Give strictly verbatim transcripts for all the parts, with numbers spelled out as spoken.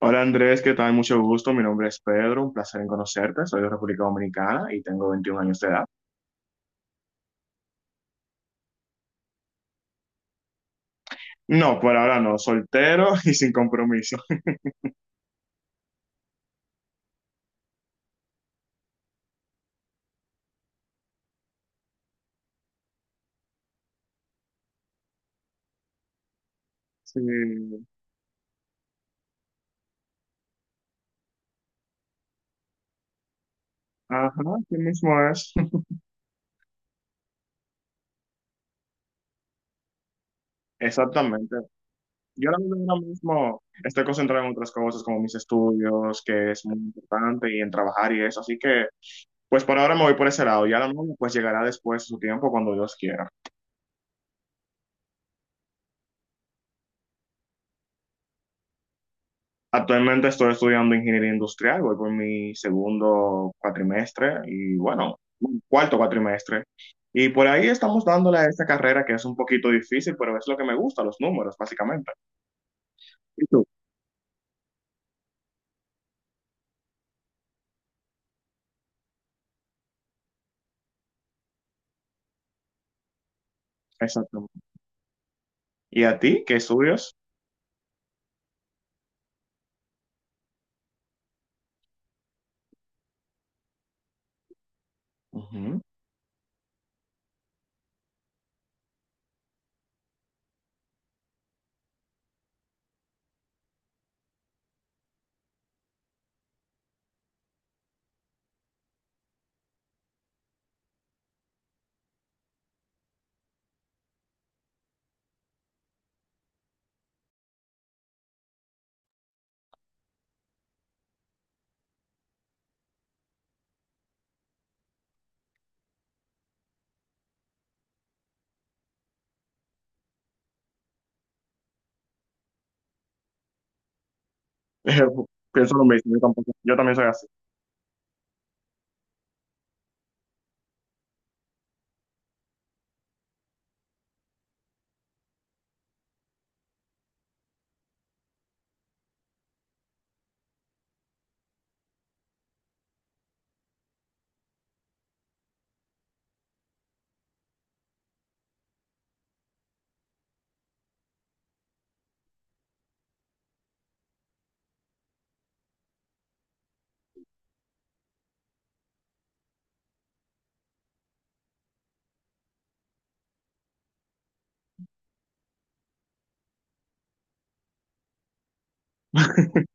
Hola Andrés, ¿qué tal? Mucho gusto. Mi nombre es Pedro, un placer en conocerte. Soy de República Dominicana y tengo veintiún años de edad. No, por ahora no, soltero y sin compromiso. Sí, ajá, sí mismo es. Exactamente. Yo ahora mismo ahora mismo estoy concentrado en otras cosas como mis estudios, que es muy importante, y en trabajar y eso. Así que, pues por ahora me voy por ese lado. Ya la novia pues llegará después de su tiempo cuando Dios quiera. Actualmente estoy estudiando ingeniería industrial, voy por mi segundo cuatrimestre y bueno, cuarto cuatrimestre. Y por ahí estamos dándole a esta carrera que es un poquito difícil, pero es lo que me gusta, los números, básicamente. ¿Y tú? Exactamente. ¿Y a ti? ¿Qué estudias? Ujú. Pienso lo mismo, yo tampoco, yo también soy así.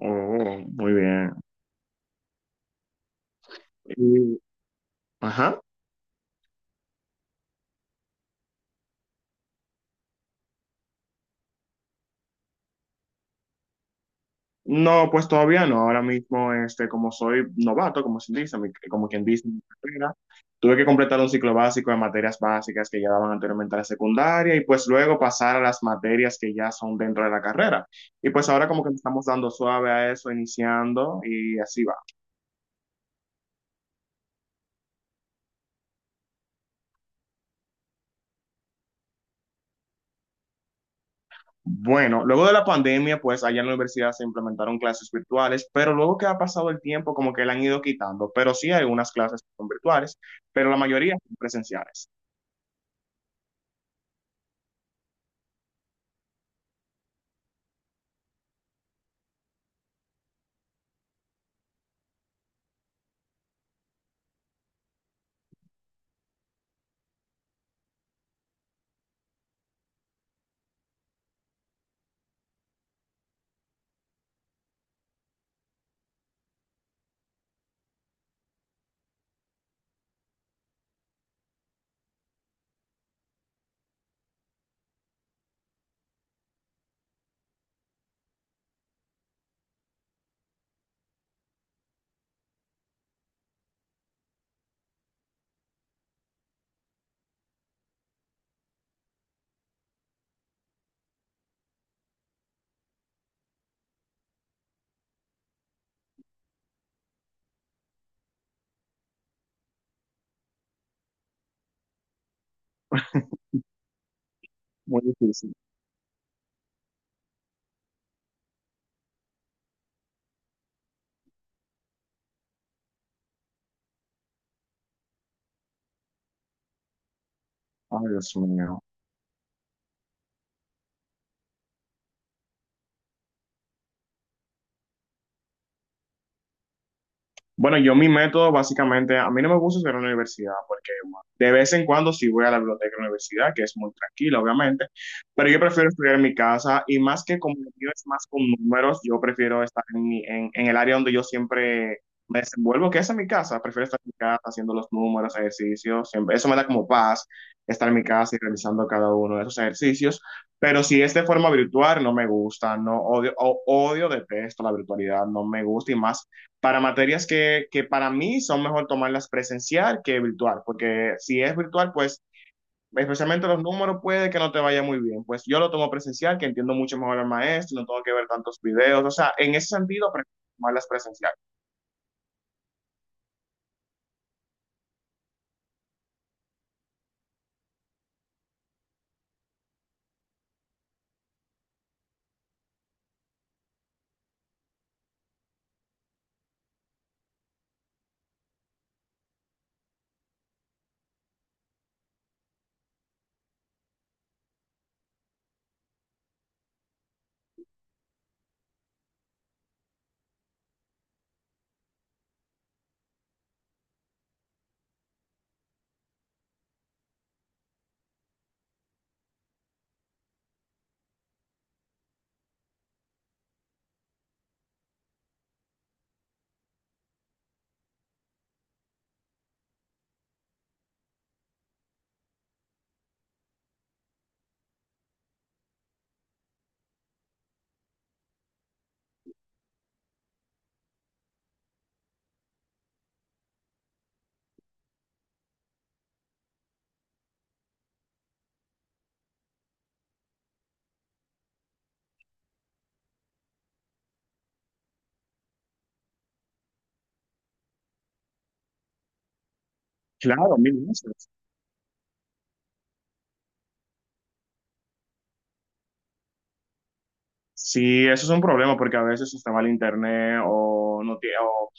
Oh, muy bien. Y- ajá. No, pues todavía no. Ahora mismo, este, como soy novato, como se dice, mi- como quien dice, en mi carrera, tuve que completar un ciclo básico de materias básicas que ya daban anteriormente a la secundaria y pues luego pasar a las materias que ya son dentro de la carrera. Y pues ahora como que le estamos dando suave a eso, iniciando y así va. Bueno, luego de la pandemia, pues allá en la universidad se implementaron clases virtuales, pero luego que ha pasado el tiempo, como que la han ido quitando. Pero sí hay unas clases que son virtuales, pero la mayoría son presenciales. Muy difícil. Ay, Dios mío. Bueno, yo mi método básicamente, a mí no me gusta hacer en la universidad porque bueno, de vez en cuando sí voy a la biblioteca de la universidad, que es muy tranquila, obviamente, pero yo prefiero estudiar en mi casa y más que como lo es más con números, yo prefiero estar en, mi- en, en el área donde yo siempre me desenvuelvo, que es en mi casa. Prefiero estar en mi casa haciendo los números, ejercicios, siempre. Eso me da como paz, estar en mi casa y realizando cada uno de esos ejercicios. Pero si es de forma virtual, no me gusta, no odio, o- odio, detesto la virtualidad, no me gusta y más para materias que, que para mí son mejor tomarlas presencial que virtual, porque si es virtual, pues especialmente los números puede que no te vaya muy bien. Pues yo lo tomo presencial, que entiendo mucho mejor al maestro, no tengo que ver tantos videos, o sea, en ese sentido, prefiero tomarlas presencial. Claro, mil veces. Sí, eso es un problema porque a veces usted mal internet o no tie- o,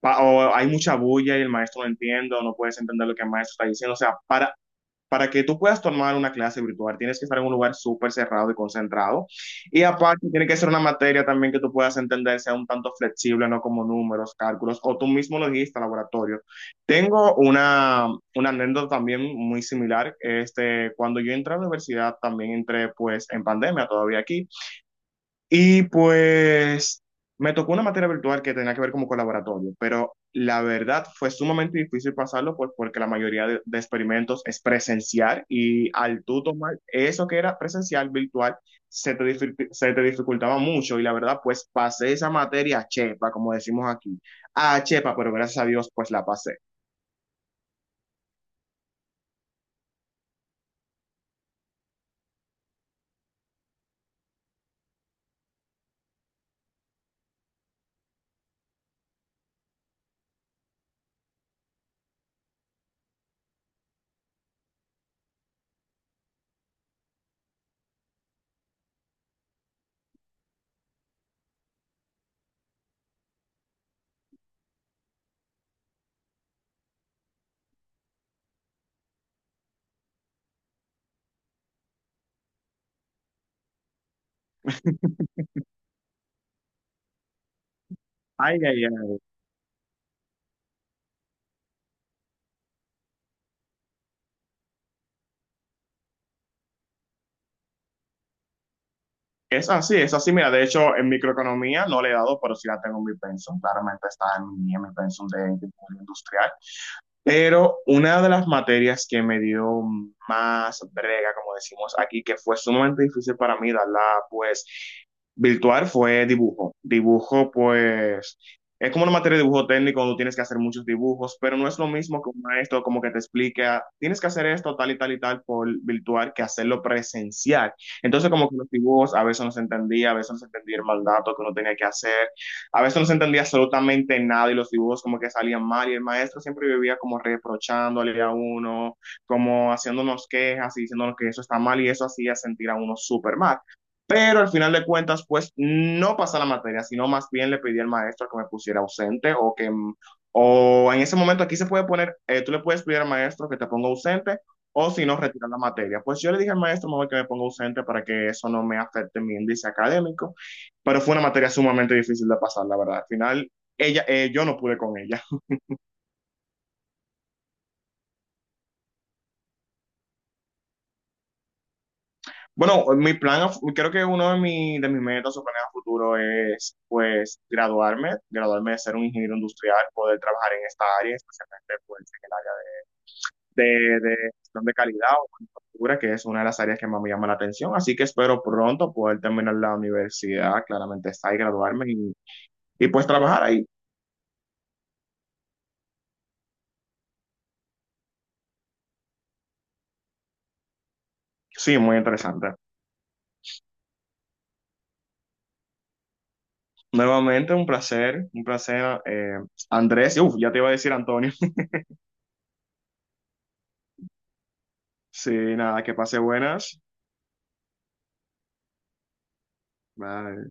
pa- o hay mucha bulla y el maestro no entiende o no puedes entender lo que el maestro está diciendo. O sea, para, Para que tú puedas tomar una clase virtual, tienes que estar en un lugar súper cerrado y concentrado. Y aparte, tiene que ser una materia también que tú puedas entender, sea un tanto flexible, no como números, cálculos, o tú mismo lo dijiste, laboratorio. Tengo una, una anécdota también muy similar. Este, cuando yo entré a la universidad, también entré pues en pandemia todavía aquí. Y pues me tocó una materia virtual que tenía que ver como con laboratorio, pero la verdad fue sumamente difícil pasarlo pues, porque la mayoría de, de experimentos es presencial y al tú tomar eso que era presencial, virtual, se te, dificu- se te dificultaba mucho y la verdad pues pasé esa materia a chepa, como decimos aquí, a chepa, pero gracias a Dios pues la pasé. Ay, ay, ay. Es así, es así. Mira, de hecho, en microeconomía no le he dado, pero sí la tengo en mi pensum. Claramente está en mi, en mi pensum de, de ingeniería industrial. Pero una de las materias que me dio más brega, como decimos aquí, que fue sumamente difícil para mí darla, pues, virtual, fue dibujo. Dibujo, pues, es como una materia de dibujo técnico donde tienes que hacer muchos dibujos, pero no es lo mismo que un maestro como que te explica, tienes que hacer esto tal y tal y tal por virtual que hacerlo presencial. Entonces como que los dibujos a veces no se entendía, a veces no se entendía el mandato que uno tenía que hacer, a veces no se entendía absolutamente nada y los dibujos como que salían mal y el maestro siempre vivía como reprochándole a uno, como haciéndonos quejas y diciéndonos que eso está mal y eso hacía sentir a uno súper mal. Pero al final de cuentas, pues no pasa la materia, sino más bien le pedí al maestro que me pusiera ausente o que, mm, o en ese momento aquí se puede poner, eh, tú le puedes pedir al maestro que te ponga ausente o si no, retirar la materia. Pues yo le dije al maestro, mejor que me ponga ausente para que eso no me afecte mi índice académico, pero fue una materia sumamente difícil de pasar, la verdad. Al final, ella, eh, yo no pude con ella. Bueno, mi plan, a fu- creo que uno de, mi- de mis metas o planes a futuro es, pues, graduarme, graduarme de ser un ingeniero industrial, poder trabajar en esta área, especialmente, pues, en el área de, de, de gestión de calidad o manufactura, que es una de las áreas que más me llama la atención. Así que espero pronto poder terminar la universidad, claramente está y graduarme y, y pues trabajar ahí. Sí, muy interesante. Nuevamente, un placer, un placer, eh, Andrés. Uf, ya te iba a decir Antonio. Sí, nada, que pase buenas. Bye.